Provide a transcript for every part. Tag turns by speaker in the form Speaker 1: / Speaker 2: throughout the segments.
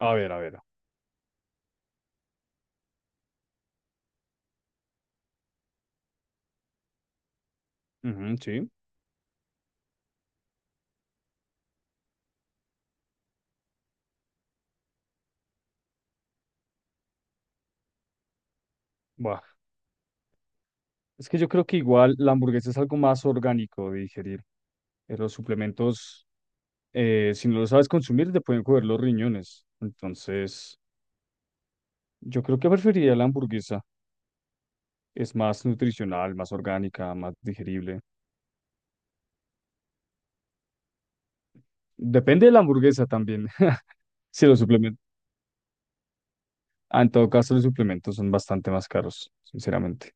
Speaker 1: A ver, a ver. Ujú, sí. Buah. Es que yo creo que igual la hamburguesa es algo más orgánico de digerir. Los suplementos, si no lo sabes consumir, te pueden coger los riñones. Entonces, yo creo que preferiría la hamburguesa. Es más nutricional, más orgánica, más digerible. Depende de la hamburguesa también. Si los suplementos, en todo caso, los suplementos son bastante más caros, sinceramente.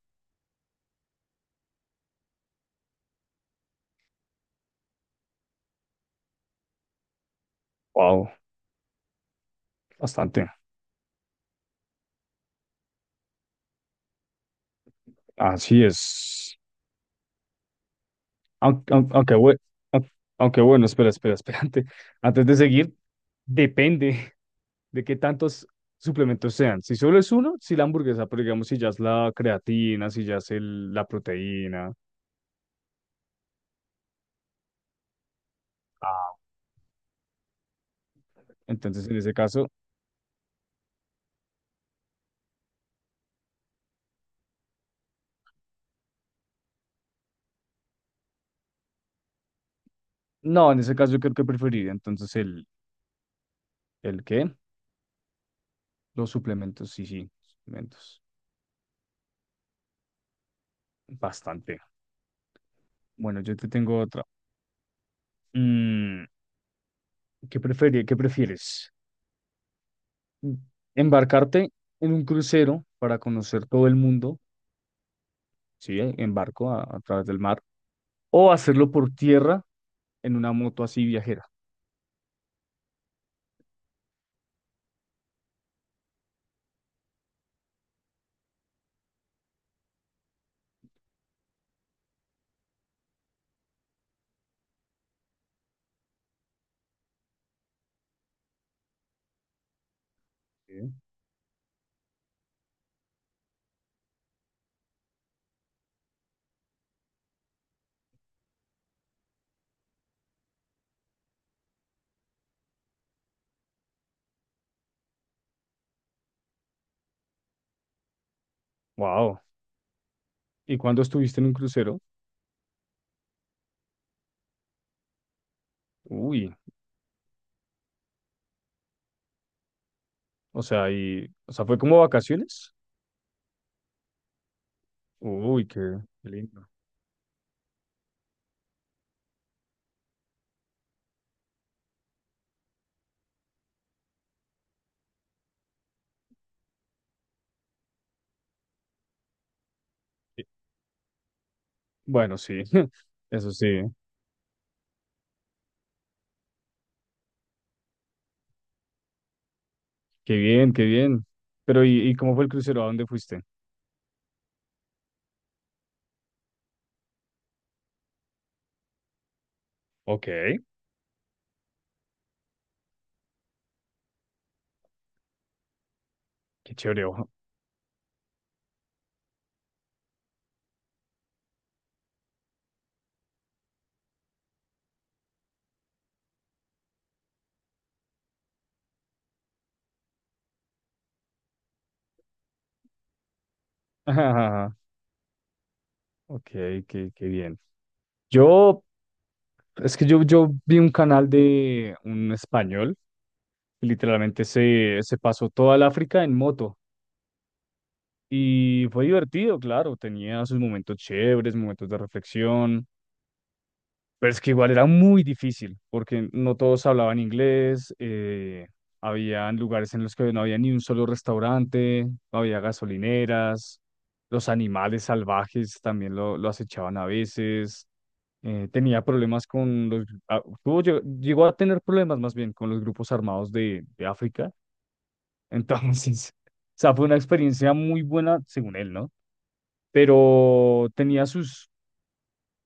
Speaker 1: Wow, bastante. Así es. Aunque, aunque, aunque bue- aunque- aunque bueno, espera. Antes de seguir, depende de qué tantos suplementos sean. Si solo es uno, si la hamburguesa, pero digamos, si ya es la creatina, si ya es la proteína. Ah, entonces, en ese caso, no, en ese caso yo creo que preferiría entonces el qué, los suplementos, sí, sí, suplementos, bastante. Bueno, yo te tengo otra. Mm, ¿qué prefieres embarcarte en un crucero para conocer todo el mundo? ¿Sí? En barco a través del mar, o hacerlo por tierra en una moto así viajera. Wow. ¿Y cuándo estuviste en un crucero? Uy, o sea, ¿fue como vacaciones? Uy, qué lindo. Y- Bueno, sí, eso sí, qué bien, qué bien. Pero, ¿y cómo fue el crucero? ¿A dónde fuiste? Ok, qué chévere. Ojo. Ok, qué bien. Yo, Es que yo vi un canal de un español que literalmente se pasó toda el África en moto y fue divertido, claro, tenía sus momentos chéveres, momentos de reflexión, pero es que igual era muy difícil porque no todos hablaban inglés, habían lugares en los que no había ni un solo restaurante, no había gasolineras, los animales salvajes también lo acechaban a veces. Tenía problemas con los, ah, tuvo- llegó, llegó a tener problemas más bien con los grupos armados de África. Entonces, o sea, fue una experiencia muy buena, según él, ¿no? Pero tenía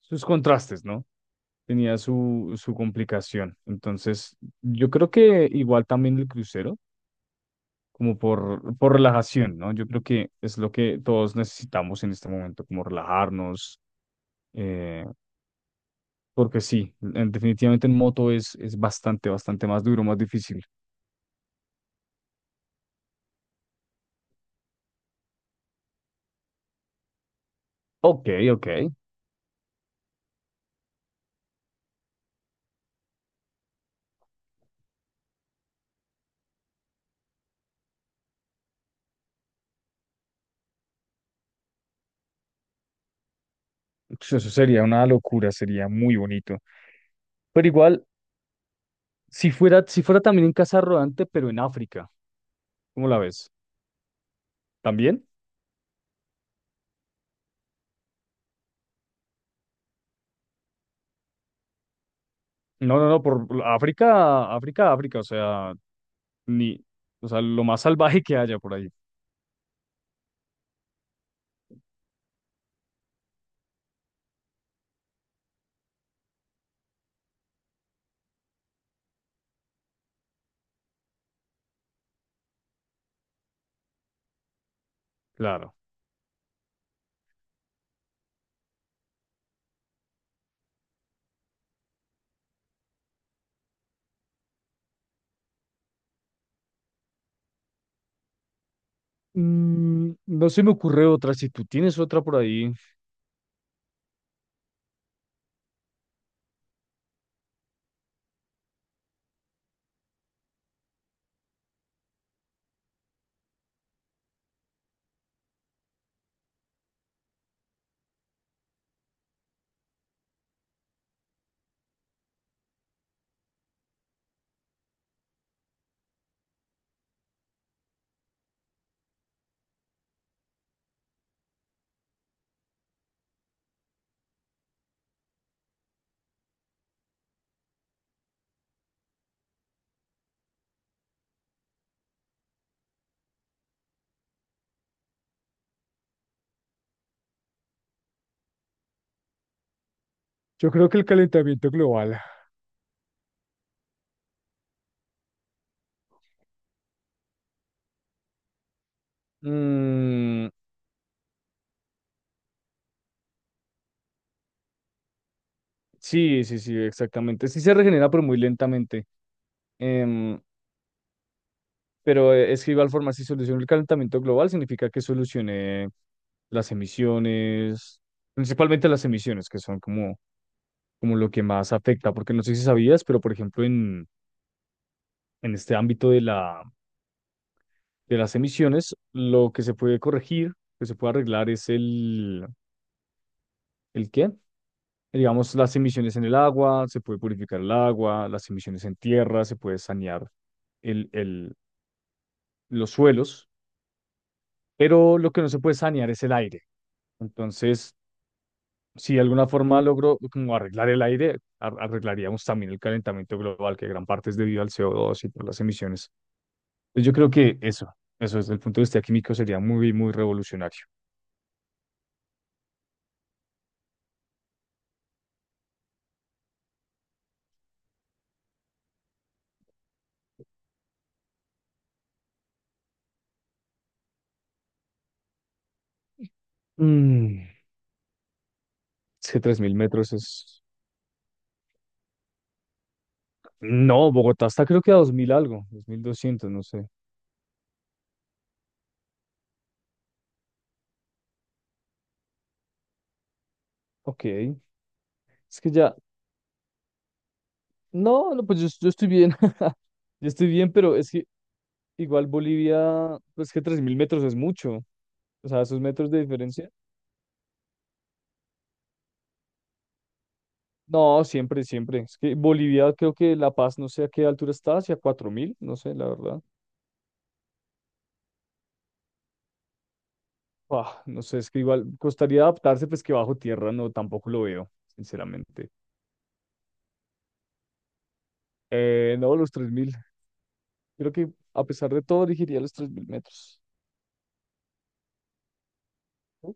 Speaker 1: sus contrastes, ¿no? Tenía su complicación. Entonces, yo creo que igual también el crucero, como por relajación, ¿no? Yo creo que es lo que todos necesitamos en este momento, como relajarnos. eh, Porque sí, definitivamente en moto es bastante, bastante más duro, más difícil. Ok, ok. Pues eso sería una locura, sería muy bonito. Pero igual, si fuera también en casa rodante, pero en África, ¿cómo la ves? ¿También? No, por África, África, África, o sea, ni, o sea, lo más salvaje que haya por ahí, claro. Mm, no se me ocurre otra, si tú tienes otra por ahí. Yo creo que el calentamiento global. Mm, sí, sí, sí, exactamente. Sí se regenera, pero muy lentamente. Em, pero es que igual forma, si soluciono el calentamiento global, significa que solucioné las emisiones, principalmente las emisiones, que son como, como lo que más afecta, porque no sé si sabías, pero por ejemplo, en este ámbito de las emisiones, lo que se puede corregir, que se puede arreglar es ¿el qué? Digamos, las emisiones en el agua, se puede purificar el agua, las emisiones en tierra, se puede sanear el, el, los suelos, pero lo que no se puede sanear es el aire. Entonces, si de alguna forma logro como arreglar el aire, arreglaríamos también el calentamiento global, que gran parte es debido al CO2 y por las emisiones. Entonces, yo creo que eso desde el punto de vista químico sería muy, muy revolucionario. Mm, es que 3000 metros es... No, Bogotá está creo que a 2000 algo, 2200, no sé. Ok, es que ya... No, no, pues yo estoy bien. Yo estoy bien, pero es que igual Bolivia, pues que 3000 metros es mucho. O sea, esos metros de diferencia. No, siempre. Es que Bolivia, creo que La Paz, no sé a qué altura está, hacia 4000 no sé, la verdad. Ah, no sé, es que igual costaría adaptarse, pues que bajo tierra no, tampoco lo veo, sinceramente. No, los 3000. Creo que a pesar de todo, elegiría los 3000 metros. ¿No?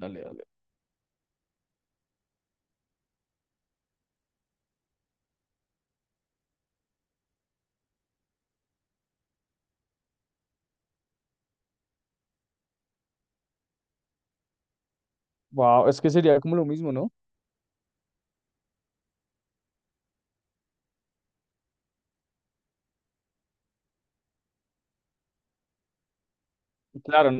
Speaker 1: Dale, dale. Wow, es que sería como lo mismo, ¿no? Claro,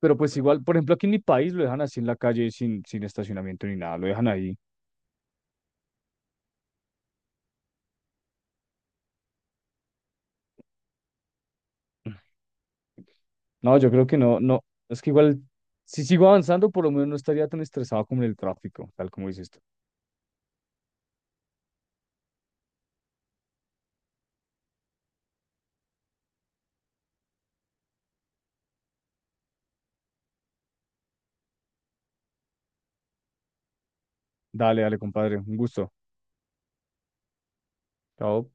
Speaker 1: pero pues igual, por ejemplo, aquí en mi país lo dejan así en la calle sin estacionamiento ni nada, lo dejan ahí. No, yo creo que no, no, es que igual, si sigo avanzando, por lo menos no estaría tan estresado como en el tráfico, tal como dices tú. Dale, dale, compadre, un gusto. Chao.